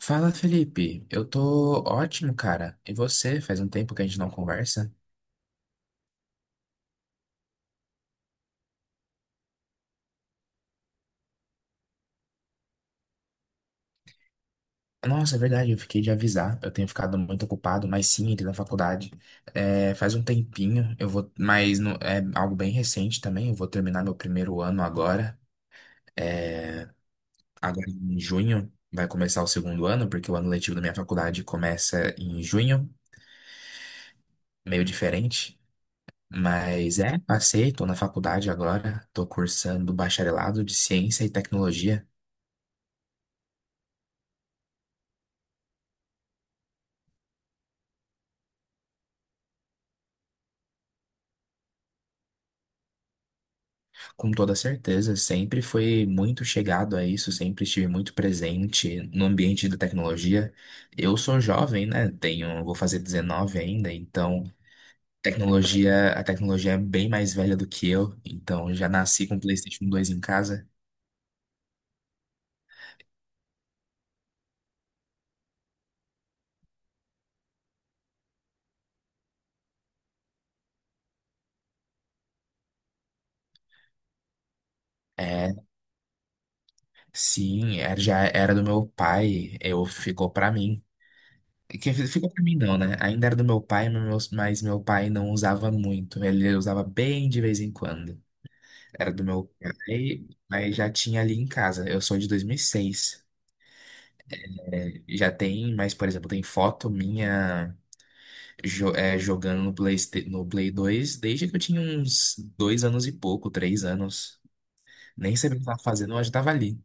Fala, Felipe. Eu tô ótimo, cara. E você? Faz um tempo que a gente não conversa. Nossa, é verdade, eu fiquei de avisar. Eu tenho ficado muito ocupado, mas sim, entrei na faculdade. É, faz um tempinho, eu vou, mas não- é algo bem recente também. Eu vou terminar meu primeiro ano agora. Agora em junho vai começar o segundo ano, porque o ano letivo da minha faculdade começa em junho, meio diferente. Mas é, passei, tô na faculdade agora, tô cursando bacharelado de Ciência e Tecnologia. Com toda certeza, sempre foi muito chegado a isso, sempre estive muito presente no ambiente da tecnologia. Eu sou jovem, né? Tenho, vou fazer 19 ainda, então tecnologia, a tecnologia é bem mais velha do que eu, então já nasci com o PlayStation 2 em casa. É, sim, já era do meu pai, eu ficou pra mim. Que ficou pra mim não, né? Ainda era do meu pai, mas meu pai não usava muito, ele usava bem de vez em quando. Era do meu pai, mas já tinha ali em casa. Eu sou de 2006. É, já tem, mas, por exemplo, tem foto minha jogando no Play, no Play 2 desde que eu tinha uns 2 anos e pouco, 3 anos. Nem sabia o que estava fazendo, mas eu estava ali.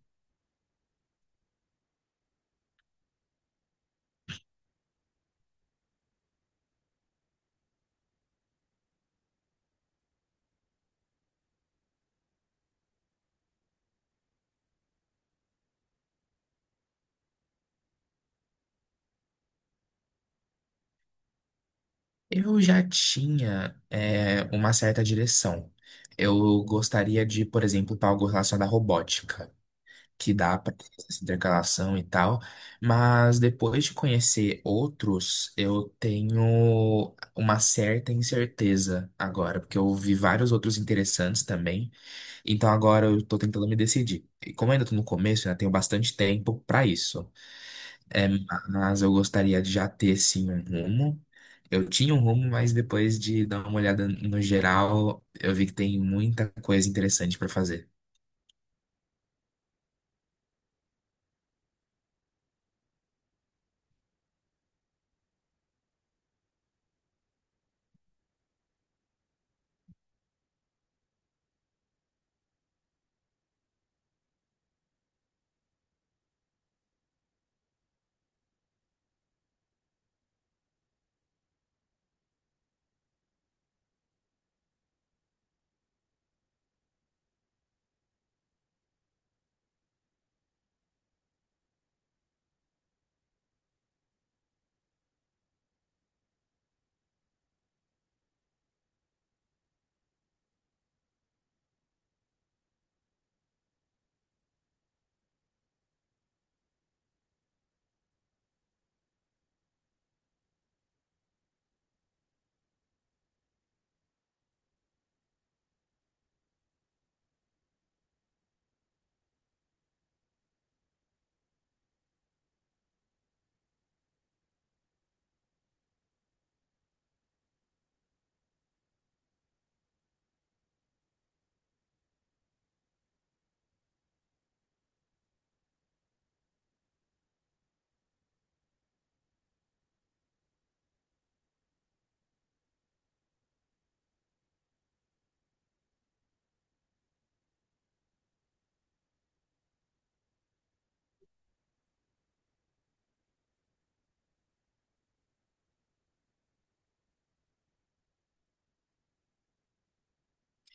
Eu já tinha, é, uma certa direção. Eu gostaria de, por exemplo, algo relacionado à robótica. Que dá para fazer essa intercalação e tal, mas depois de conhecer outros, eu tenho uma certa incerteza agora, porque eu vi vários outros interessantes também, então agora eu tô tentando me decidir. E como eu ainda tô no começo, né, tenho bastante tempo para isso, é, mas eu gostaria de já ter sim um rumo. Eu tinha um rumo, mas depois de dar uma olhada no geral, eu vi que tem muita coisa interessante para fazer.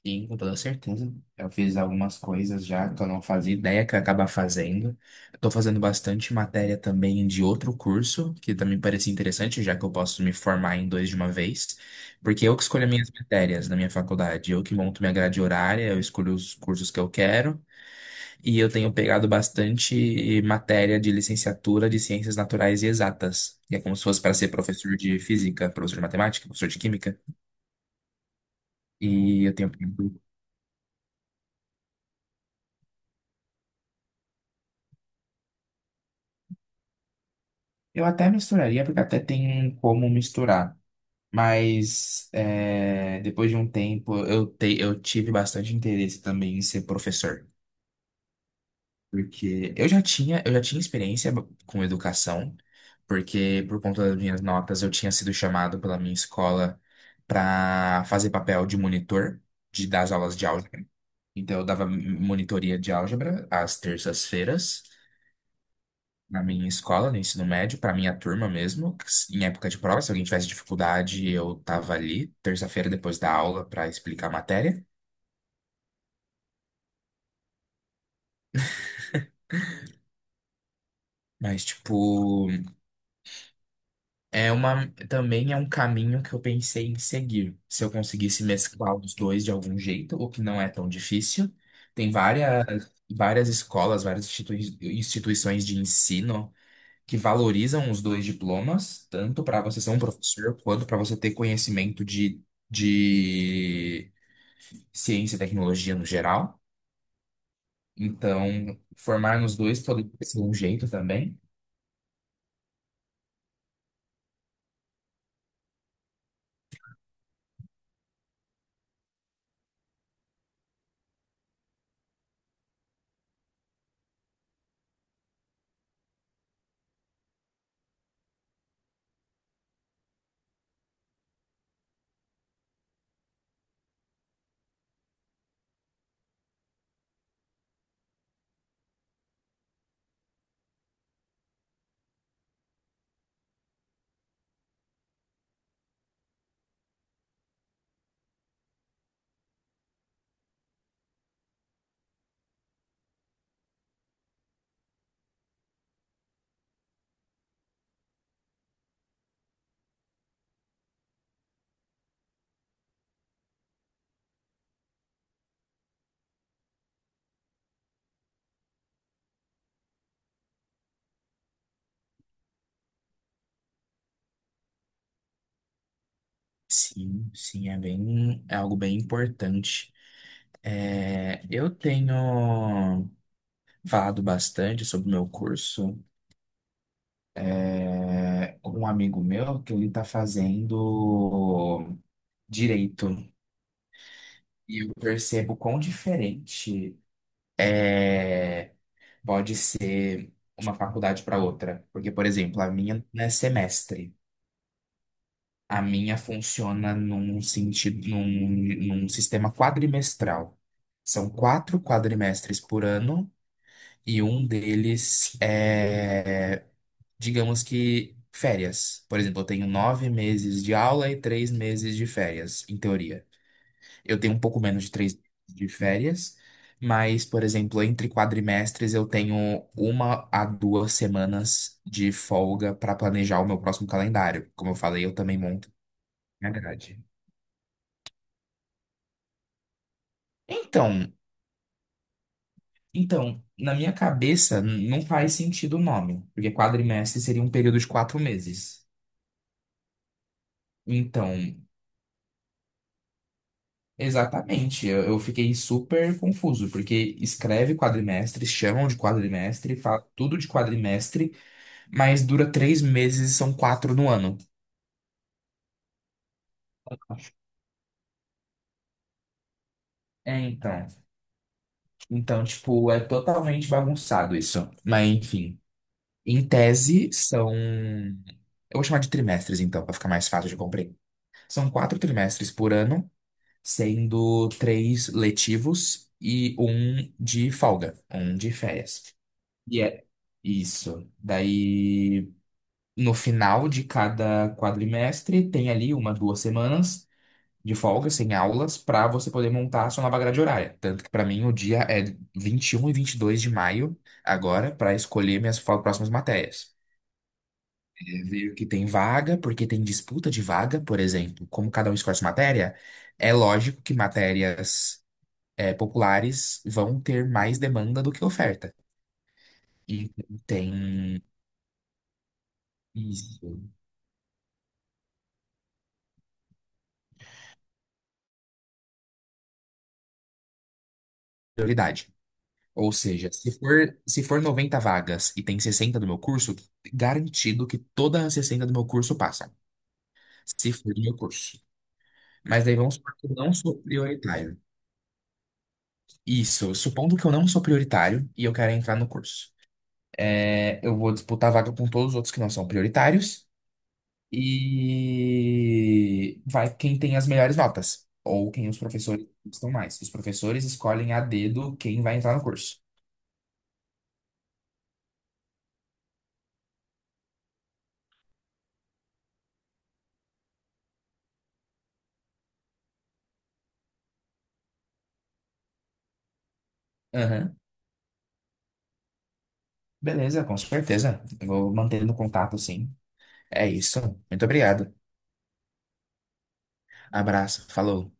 Sim, com toda certeza. Eu fiz algumas coisas já que eu não fazia ideia que eu ia acabar fazendo. Estou fazendo bastante matéria também de outro curso, que também parecia interessante, já que eu posso me formar em dois de uma vez, porque eu que escolho as minhas matérias na minha faculdade, eu que monto minha grade horária, eu escolho os cursos que eu quero, e eu tenho pegado bastante matéria de licenciatura de ciências naturais e exatas, que é como se fosse para ser professor de física, professor de matemática, professor de química, e eu tenho. Eu até misturaria, porque até tem como misturar. Mas é, depois de um tempo, eu tive bastante interesse também em ser professor. Porque eu já tinha experiência com educação, porque por conta das minhas notas eu tinha sido chamado pela minha escola para fazer papel de monitor de, das aulas de álgebra. Então eu dava monitoria de álgebra às terças-feiras. Na minha escola, no ensino médio, para minha turma mesmo, em época de prova, se alguém tivesse dificuldade, eu tava ali, terça-feira depois da aula, para explicar a matéria. Mas, tipo, é uma, também é um caminho que eu pensei em seguir. Se eu conseguisse mesclar os dois de algum jeito, o que não é tão difícil. Tem várias, várias escolas, várias instituições de ensino que valorizam os dois diplomas, tanto para você ser um professor, quanto para você ter conhecimento de ciência e tecnologia no geral. Então, formar nos dois pode ser um jeito também. Sim, sim, é bem, é algo bem importante. É, eu tenho falado bastante sobre o meu curso com um amigo meu que ele está fazendo direito e eu percebo quão diferente é, pode ser uma faculdade para outra. Porque, por exemplo, a minha não é semestre. A minha funciona num sentido, num, num sistema quadrimestral. São quatro quadrimestres por ano e um deles é, digamos que, férias. Por exemplo, eu tenho 9 meses de aula e 3 meses de férias, em teoria. Eu tenho um pouco menos de 3 meses de férias, mas, por exemplo, entre quadrimestres eu tenho uma a duas semanas de folga para planejar o meu próximo calendário. Como eu falei, eu também monto minha grade. Então, então, na minha cabeça não faz sentido o nome, porque quadrimestre seria um período de 4 meses. Então, exatamente, eu fiquei super confuso, porque escreve quadrimestre, chamam de quadrimestre, fala tudo de quadrimestre, mas dura 3 meses e são quatro no ano. É, então. Então, tipo, é totalmente bagunçado isso. Mas, enfim, em tese são. Eu vou chamar de trimestres, então, para ficar mais fácil de. São quatro trimestres por ano, sendo três letivos e um de folga, um de férias. E é isso. Daí, no final de cada quadrimestre, tem ali uma, duas semanas de folga, sem aulas, para você poder montar a sua nova grade horária. Tanto que, para mim, o dia é 21 e 22 de maio, agora, para escolher minhas próximas matérias. Veio que tem vaga, porque tem disputa de vaga, por exemplo, como cada um escolhe sua matéria, é lógico que matérias, é, populares vão ter mais demanda do que oferta. E tem isso, prioridade. Ou seja, se for 90 vagas e tem 60 do meu curso, garantido que todas as 60 do meu curso passam, se for do meu curso. Mas daí vamos supor que eu não sou prioritário. Isso, supondo que eu não sou prioritário e eu quero entrar no curso. É, eu vou disputar a vaga com todos os outros que não são prioritários. E vai quem tem as melhores notas, ou quem os professores gostam mais. Os professores escolhem a dedo quem vai entrar no curso. Aham. Beleza, com certeza. Eu vou mantendo contato, sim. É isso. Muito obrigado. Abraço. Falou.